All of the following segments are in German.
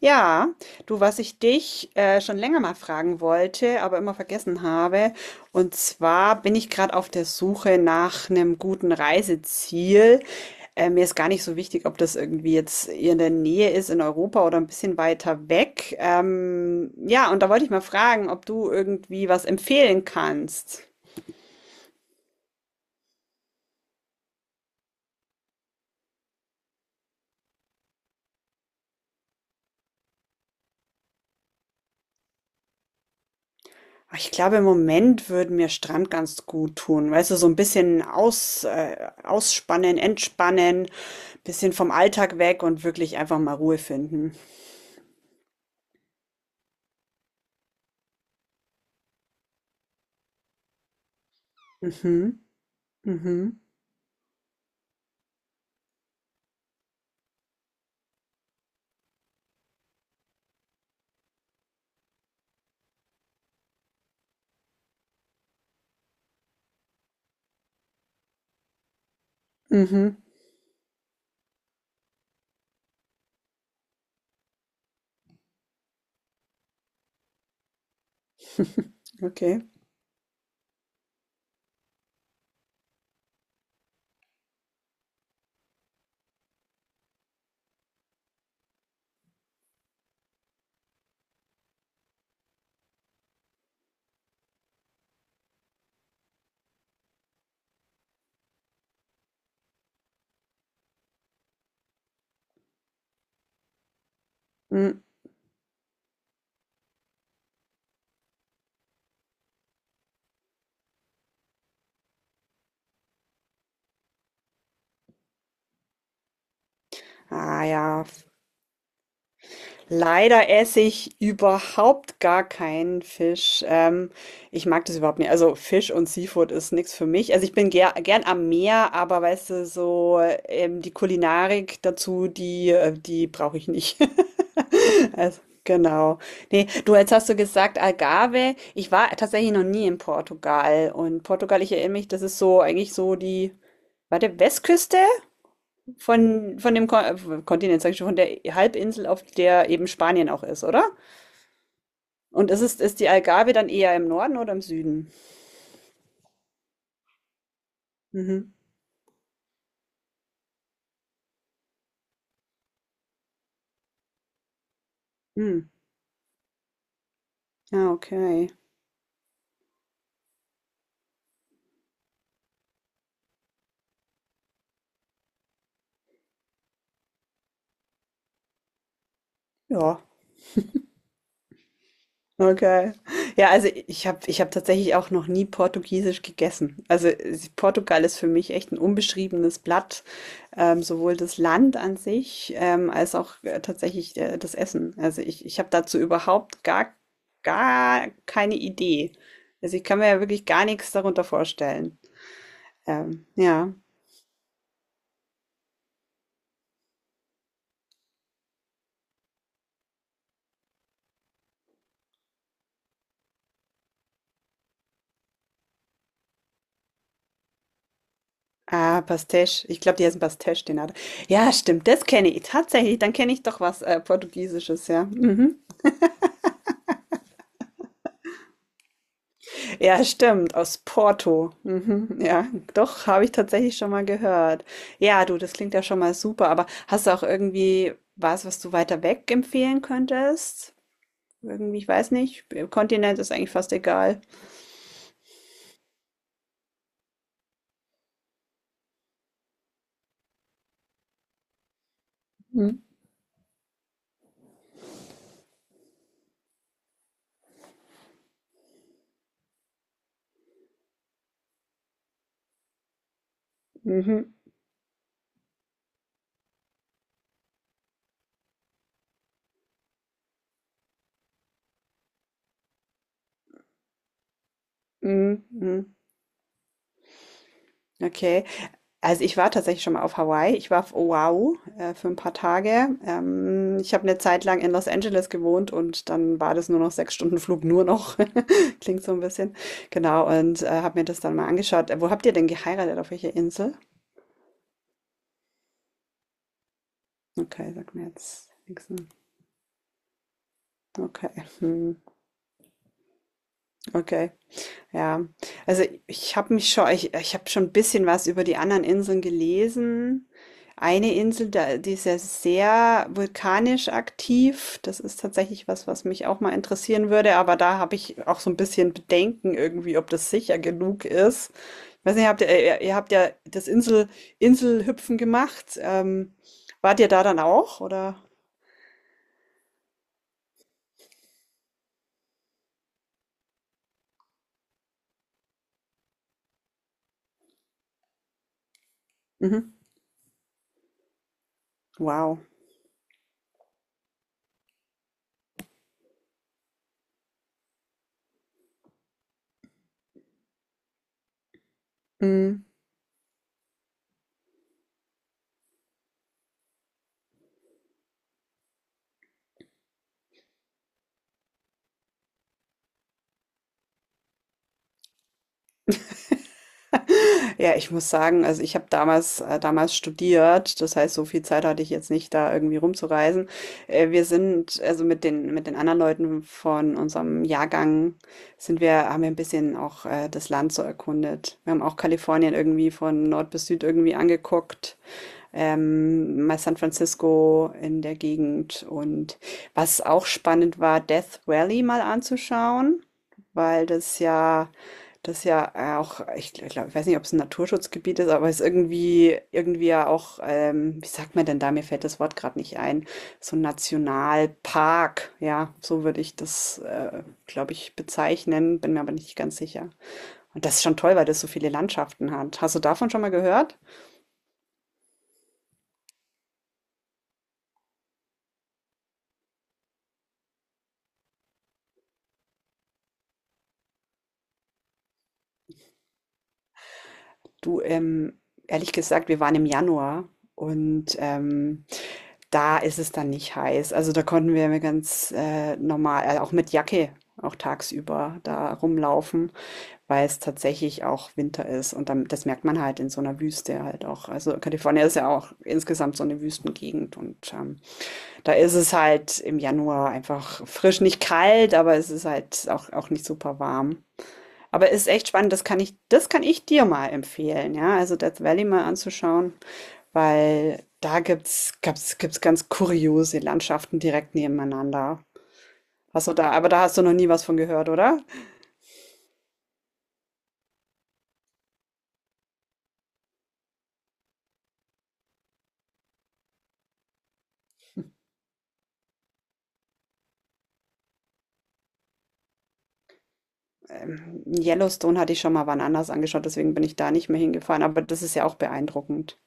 Ja, du, was ich dich schon länger mal fragen wollte, aber immer vergessen habe. Und zwar bin ich gerade auf der Suche nach einem guten Reiseziel. Mir ist gar nicht so wichtig, ob das irgendwie jetzt hier in der Nähe ist, in Europa oder ein bisschen weiter weg. Ja, und da wollte ich mal fragen, ob du irgendwie was empfehlen kannst. Ich glaube, im Moment würde mir Strand ganz gut tun. Weißt du, so ein bisschen ausspannen, entspannen. Bisschen vom Alltag weg und wirklich einfach mal Ruhe finden. Mhm. Mhm. Mhm. Okay. Hm. Ah ja. Leider esse ich überhaupt gar keinen Fisch. Ich mag das überhaupt nicht. Also Fisch und Seafood ist nichts für mich. Also ich bin gern am Meer, aber weißt du, so die Kulinarik dazu, die brauche ich nicht. Also, genau. Nee, du, jetzt hast du gesagt Algarve. Ich war tatsächlich noch nie in Portugal. Und Portugal, ich erinnere mich, das ist so eigentlich so die, warte, Westküste? Von dem Ko Kontinent, sag ich schon, von der Halbinsel, auf der eben Spanien auch ist, oder? Und ist die Algarve dann eher im Norden oder im Süden? Mhm. Hm. Ja, okay. Ja, okay. Ja, also ich hab tatsächlich auch noch nie Portugiesisch gegessen. Also Portugal ist für mich echt ein unbeschriebenes Blatt. Sowohl das Land an sich als auch tatsächlich das Essen. Also ich habe dazu gar keine Idee. Also ich kann mir ja wirklich gar nichts darunter vorstellen. Ja. Ah, Pastéis. Ich glaube, die heißen Pastéis, den hat. Ja, stimmt, das kenne ich tatsächlich. Dann kenne ich doch was Portugiesisches, ja. Mhm. Ja, stimmt, aus Porto. Mhm, ja, doch, habe ich tatsächlich schon mal gehört. Ja, du, das klingt ja schon mal super, aber hast du auch irgendwie was, was du weiter weg empfehlen könntest? Irgendwie, ich weiß nicht, Kontinent ist eigentlich fast egal. Mhm, mhm, mhm. Mhm. Okay. Also, ich war tatsächlich schon mal auf Hawaii. Ich war auf Oahu, für ein paar Tage. Ich habe eine Zeit lang in Los Angeles gewohnt und dann war das nur noch 6 Stunden Flug, nur noch. Klingt so ein bisschen. Genau, und, habe mir das dann mal angeschaut. Wo habt ihr denn geheiratet? Auf welcher Insel? Okay, sag mir jetzt nix, ne? Okay, mhm, okay. Ja, also ich habe schon ein bisschen was über die anderen Inseln gelesen. Eine Insel, da, die ist ja sehr vulkanisch aktiv. Das ist tatsächlich was, was mich auch mal interessieren würde, aber da habe ich auch so ein bisschen Bedenken irgendwie, ob das sicher genug ist. Ich weiß nicht, ihr habt ja das Inselhüpfen gemacht. Wart ihr da dann auch, oder? Mhm. Wow. Mhm. Ja, ich muss sagen, also ich habe damals, damals studiert, das heißt, so viel Zeit hatte ich jetzt nicht, da irgendwie rumzureisen. Wir sind, also mit den anderen Leuten von unserem Jahrgang haben wir ein bisschen auch das Land so erkundet. Wir haben auch Kalifornien irgendwie von Nord bis Süd irgendwie angeguckt, mal San Francisco in der Gegend und was auch spannend war, Death Valley mal anzuschauen, weil das ja auch, ich glaube, ich weiß nicht, ob es ein Naturschutzgebiet ist, aber es ist irgendwie ja auch, wie sagt man denn da? Mir fällt das Wort gerade nicht ein. So ein Nationalpark, ja, so würde ich das, glaube ich, bezeichnen, bin mir aber nicht ganz sicher. Und das ist schon toll, weil das so viele Landschaften hat. Hast du davon schon mal gehört? Du, ehrlich gesagt, wir waren im Januar und da ist es dann nicht heiß. Also da konnten wir mir ganz normal, auch mit Jacke, auch tagsüber da rumlaufen, weil es tatsächlich auch Winter ist. Und dann, das merkt man halt in so einer Wüste halt auch. Also Kalifornien ist ja auch insgesamt so eine Wüstengegend. Und da ist es halt im Januar einfach frisch, nicht kalt, aber es ist halt auch nicht super warm. Aber ist echt spannend, das kann ich dir mal empfehlen, ja. Also Death Valley mal anzuschauen, weil da gibt's ganz kuriose Landschaften direkt nebeneinander. Aber da hast du noch nie was von gehört, oder? Yellowstone hatte ich schon mal wann anders angeschaut, deswegen bin ich da nicht mehr hingefahren, aber das ist ja auch beeindruckend.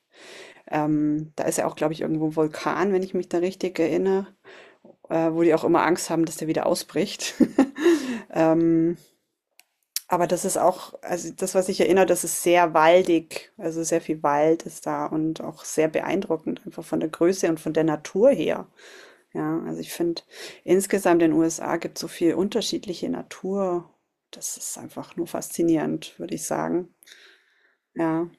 Da ist ja auch, glaube ich, irgendwo ein Vulkan, wenn ich mich da richtig erinnere, wo die auch immer Angst haben, dass der wieder ausbricht. Aber das ist auch, also das, was ich erinnere, das ist sehr waldig. Also sehr viel Wald ist da und auch sehr beeindruckend, einfach von der Größe und von der Natur her. Ja, also ich finde, insgesamt in den USA gibt es so viel unterschiedliche Natur. Das ist einfach nur faszinierend, würde ich sagen. Ja.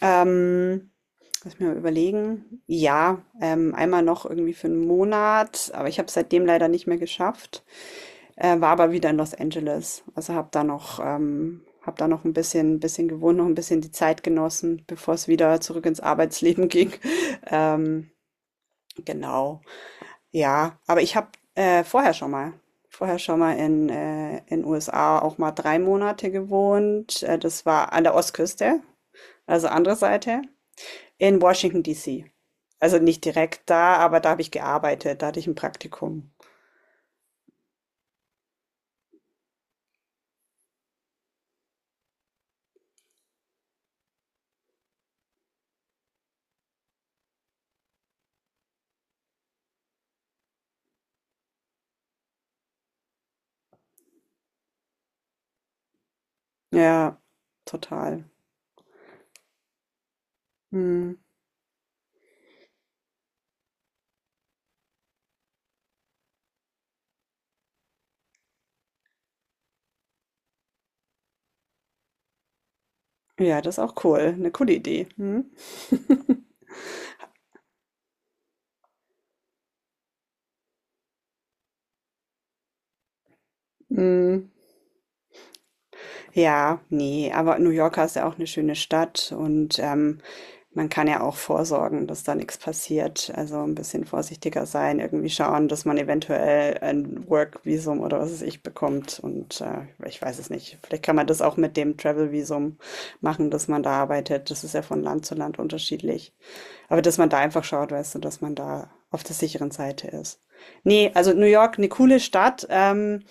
Ähm, lass mich mal überlegen. Ja, einmal noch irgendwie für einen Monat, aber ich habe es seitdem leider nicht mehr geschafft. War aber wieder in Los Angeles. Also habe da noch, hab da noch bisschen gewohnt, noch ein bisschen die Zeit genossen, bevor es wieder zurück ins Arbeitsleben ging. Ähm, genau. Ja, aber ich habe äh, vorher schon mal, vorher schon mal in USA auch mal drei Monate gewohnt. Das war an der Ostküste, also andere Seite, in Washington D.C. Also nicht direkt da, aber da habe ich gearbeitet, da hatte ich ein Praktikum. Ja, total. Hm. Ja, das ist auch cool, eine coole Idee. Mhm. Hm, Mm, ja, nee, aber New Yorker ist ja auch eine schöne Stadt und, man kann ja auch vorsorgen, dass da nichts passiert. Also, ein bisschen vorsichtiger sein, irgendwie schauen, dass man eventuell ein Work-Visum oder was weiß ich bekommt und, ich weiß es nicht. Vielleicht kann man das auch mit dem Travel-Visum machen, dass man da arbeitet. Das ist ja von Land zu Land unterschiedlich. Aber dass man da einfach schaut, weißt du, dass man da auf der sicheren Seite ist. Ne, also New York eine coole Stadt,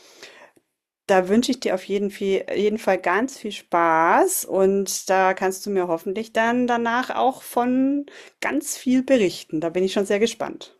da wünsche ich dir auf jeden Fall ganz viel Spaß und da kannst du mir hoffentlich dann danach auch von ganz viel berichten. Da bin ich schon sehr gespannt.